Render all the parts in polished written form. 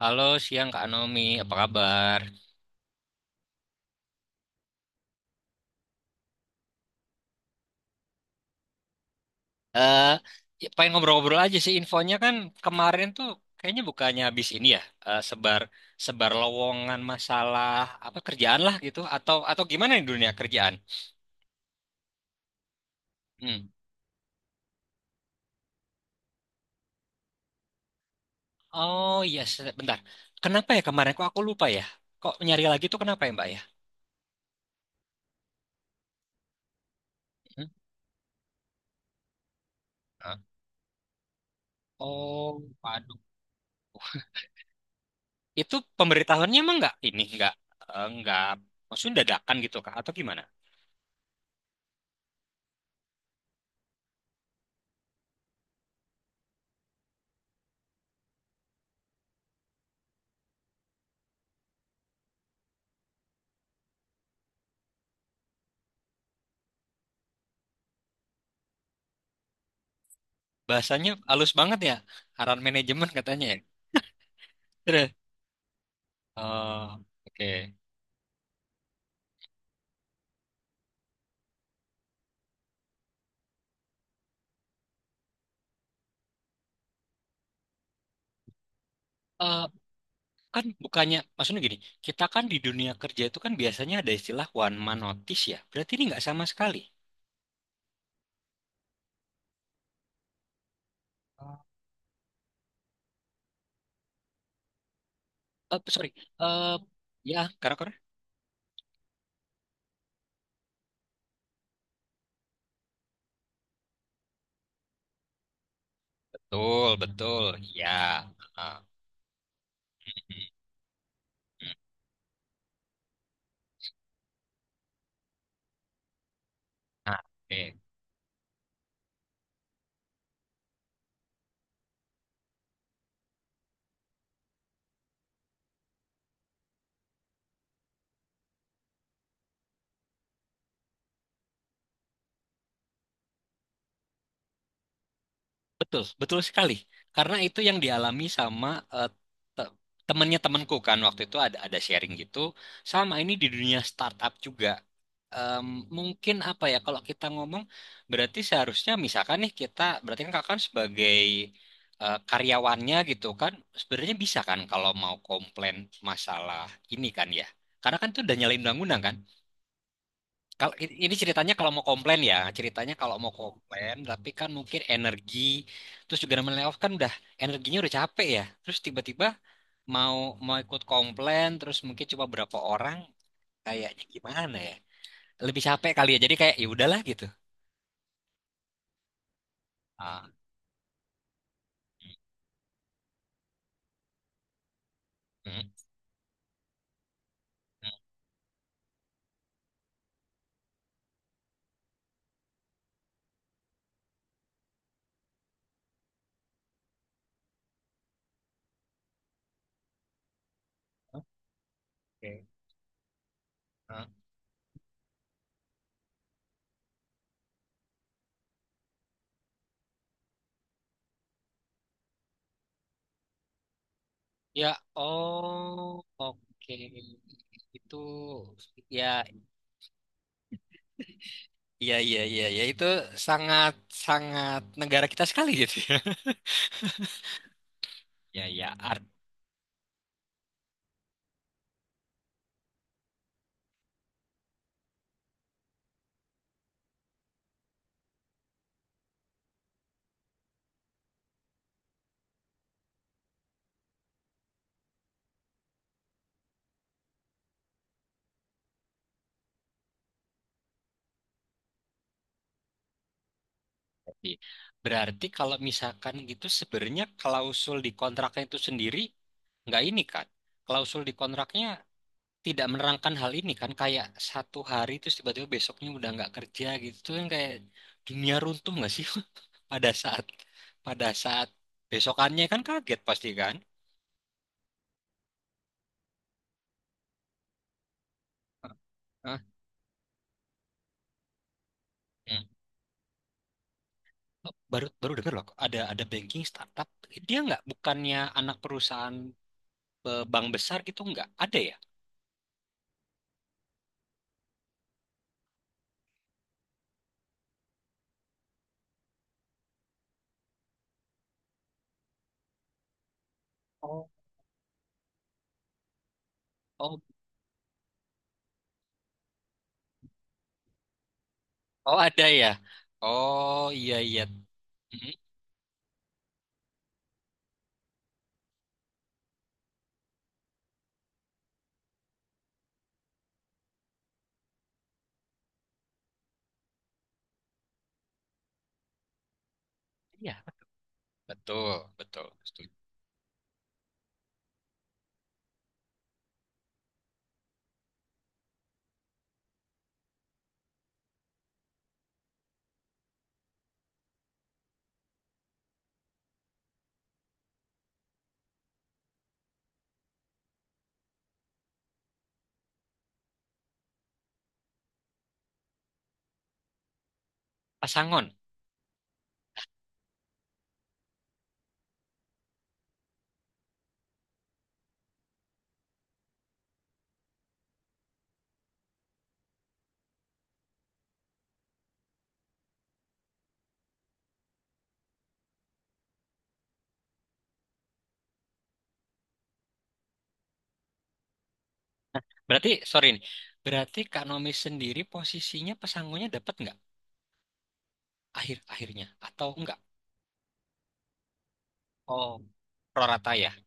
Halo, siang Kak Nomi, apa kabar? Eh, ya, pengen ngobrol-ngobrol aja sih infonya kan kemarin tuh kayaknya bukannya habis ini ya, eh, sebar sebar lowongan masalah apa kerjaan lah gitu atau gimana nih dunia kerjaan? Hmm. Oh iya, bentar. Kenapa ya kemarin kok aku lupa ya? Kok nyari lagi tuh kenapa ya, Mbak ya? Hmm? Ah. Oh, waduh. Itu pemberitahuannya emang nggak ini nggak eh, nggak, maksudnya dadakan gitu Kak atau gimana? Bahasanya halus banget ya, arahan manajemen katanya ya. Terus, oh, oke. Eh, kan bukannya, maksudnya gini, kita kan di dunia kerja itu kan biasanya ada istilah one man notice ya. Berarti ini nggak sama sekali. Eh, sorry. Eh, ya, karena betul, betul. Ya. Ah, nah, oke. Betul, betul sekali. Karena itu yang dialami sama eh, te- temennya temanku kan waktu itu ada sharing gitu. Sama ini di dunia startup juga. Em, mungkin apa ya kalau kita ngomong berarti seharusnya misalkan nih kita berarti kan kakak kan sebagai karyawannya gitu kan sebenarnya bisa kan kalau mau komplain masalah ini kan ya. Karena kan itu udah nyalain undang-undang kan. Kalau ini ceritanya kalau mau komplain ya, ceritanya kalau mau komplain, tapi kan mungkin energi, terus juga namanya layoff kan udah energinya udah capek ya. Terus tiba-tiba mau mau ikut komplain, terus mungkin cuma berapa orang, kayaknya gimana ya? Lebih capek kali ya. Jadi kayak ya udahlah gitu. Ah, mm, mm, oke. Ah. Ya, oh, oke. Itu ya, ya, ya, ya, ya itu sangat sangat negara kita sekali gitu ya. Ya, ya. Berarti berarti kalau misalkan gitu sebenarnya klausul di kontraknya itu sendiri nggak ini kan? Klausul di kontraknya tidak menerangkan hal ini kan? Kayak satu hari terus tiba-tiba besoknya udah nggak kerja gitu. Itu kan kayak dunia runtuh nggak sih pada saat pada saat besokannya kan kaget pasti kan? Hah? Hmm. Oh, baru baru dengar loh ada banking startup, dia nggak bukannya anak perusahaan bank besar gitu nggak ada ya? Oh. Oh, ada ya? Oh, iya iya. Mhm, iya, betul, betul. Setuju. Pasangon. Berarti, sorry nih. Berarti Kak Nomi sendiri posisinya pesangonnya dapat nggak akhir-akhirnya atau enggak? Oh, prorata ya.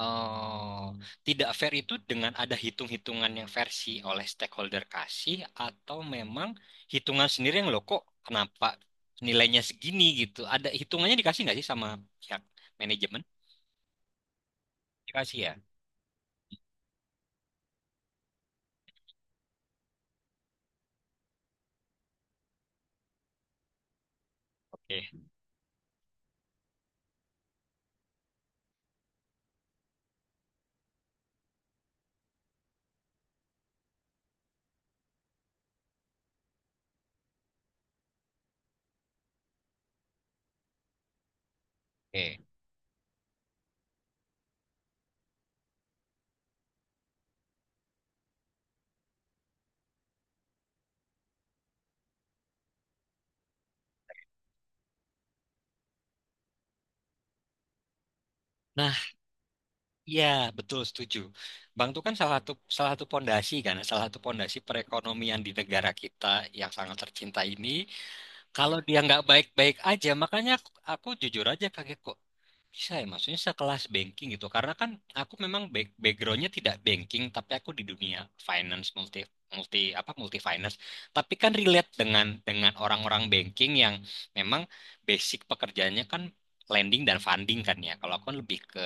Oh, tidak fair itu dengan ada hitung-hitungan yang versi oleh stakeholder kasih atau memang hitungan sendiri yang lo kok kenapa nilainya segini gitu? Ada hitungannya dikasih nggak sih sama pihak manajemen? Dikasih ya. Oke. Oke. Nah, iya, betul setuju. Bank itu kan salah satu pondasi kan, salah satu pondasi perekonomian di negara kita yang sangat tercinta ini. Kalau dia nggak baik-baik aja, makanya aku jujur aja kaget kok. Bisa ya, maksudnya sekelas banking gitu. Karena kan aku memang backgroundnya tidak banking, tapi aku di dunia finance multi multi apa multi finance. Tapi kan relate dengan orang-orang banking yang memang basic pekerjaannya kan lending dan funding kan ya. Kalau aku kan lebih ke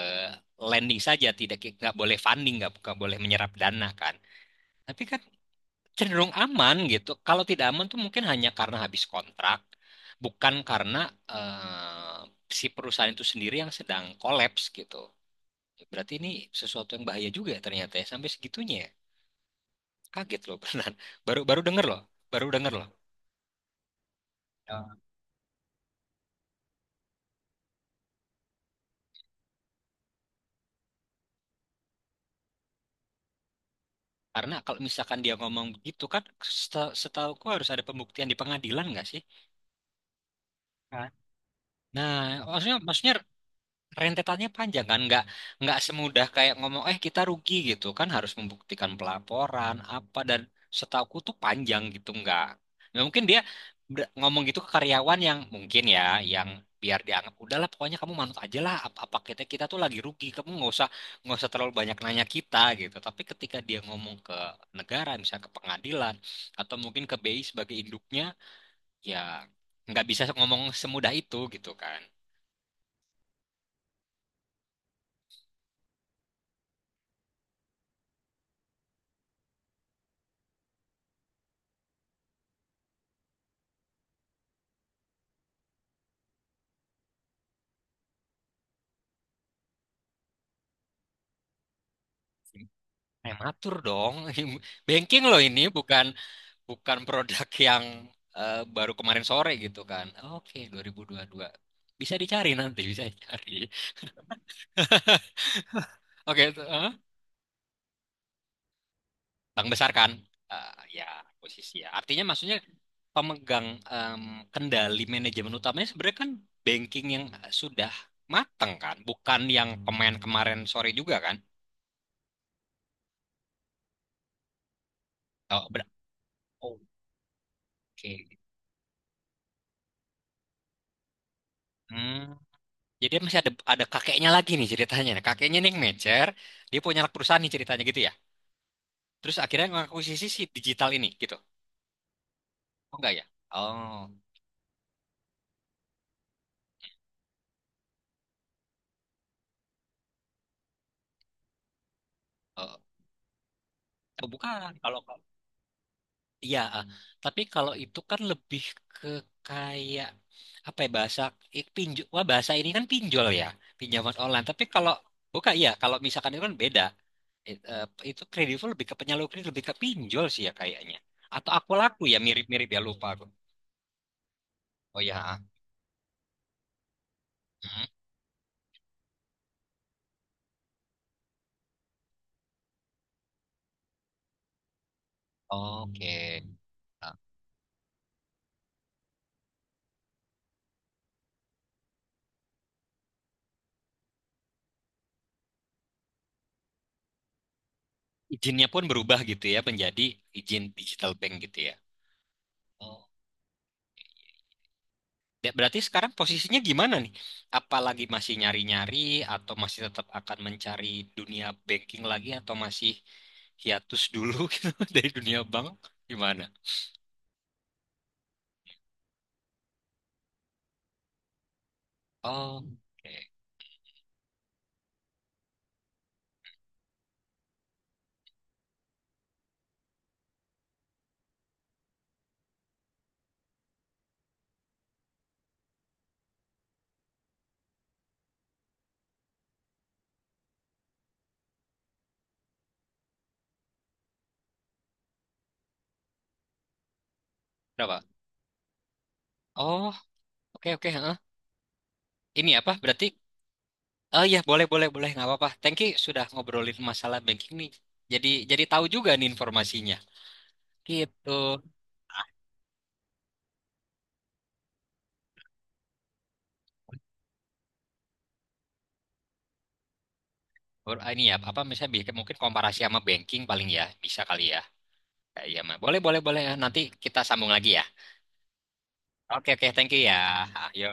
lending saja, tidak nggak boleh funding, nggak boleh menyerap dana kan. Tapi cenderung aman gitu. Kalau tidak aman tuh mungkin hanya karena habis kontrak, bukan karena eh, si perusahaan itu sendiri yang sedang kolaps gitu. Berarti ini sesuatu yang bahaya juga ya ternyata ya sampai segitunya. Ya. Kaget loh beneran. Baru baru denger loh, baru denger loh. Ya, karena kalau misalkan dia ngomong begitu kan setahuku harus ada pembuktian di pengadilan nggak sih? Nah, nah, maksudnya maksudnya rentetannya panjang kan, nggak semudah kayak ngomong eh kita rugi gitu kan harus membuktikan pelaporan apa dan setauku tuh panjang gitu, nggak mungkin dia ngomong gitu ke karyawan yang mungkin ya yang biar dianggap udahlah pokoknya kamu manut aja lah apa, apa kita kita tuh lagi rugi kamu nggak usah terlalu banyak nanya kita gitu, tapi ketika dia ngomong ke negara misalnya ke pengadilan atau mungkin ke BI sebagai induknya ya nggak bisa ngomong semudah itu gitu kan. Prematur dong. Banking loh ini bukan bukan produk yang baru kemarin sore gitu kan. Oke, 2022. Bisa dicari nanti, bisa dicari. Oke, itu, bank besar kan? Eh, ya, posisi ya. Artinya maksudnya pemegang em, kendali manajemen utamanya sebenarnya kan banking yang sudah mateng kan, bukan yang pemain kemarin sore juga kan? Oh, oke. Hmm. Jadi dia masih ada kakeknya lagi nih ceritanya. Nah, kakeknya nih yang manajer, dia punya anak perusahaan nih ceritanya gitu ya. Terus akhirnya mengakuisisi si digital ini gitu. Oh enggak ya? Oh, eh, oh, bukan. Kalau kalau. Iya, tapi kalau itu kan lebih ke kayak apa ya bahasa eh, pinju wah bahasa ini kan pinjol ya, pinjaman online. Tapi kalau bukan iya, kalau misalkan itu kan beda. It- eh, itu kredit itu lebih ke penyalur kredit lebih ke pinjol sih ya kayaknya. Atau aku laku ya mirip-mirip ya lupa aku. Oh ya. Ah. Hmm. Oke. Nah, izinnya pun berubah gitu ya menjadi izin digital bank gitu ya. Oh. Ya, berarti sekarang posisinya gimana nih? Apalagi masih nyari-nyari atau masih tetap akan mencari dunia banking lagi atau masih hiatus dulu gitu dari dunia bank? Gimana? Oh, oke. Berapa? Oh, oke oke, heeh. Ini apa? Berarti oh iya, boleh boleh boleh nggak apa-apa. Thank you sudah ngobrolin masalah banking nih. Jadi tahu juga nih informasinya. Gitu. Ini ya apa misalnya mungkin komparasi sama banking paling ya bisa kali ya. Kayak iya mah. Boleh boleh boleh ya. Nanti kita sambung lagi ya. Oke oke thank you ya. Ayo.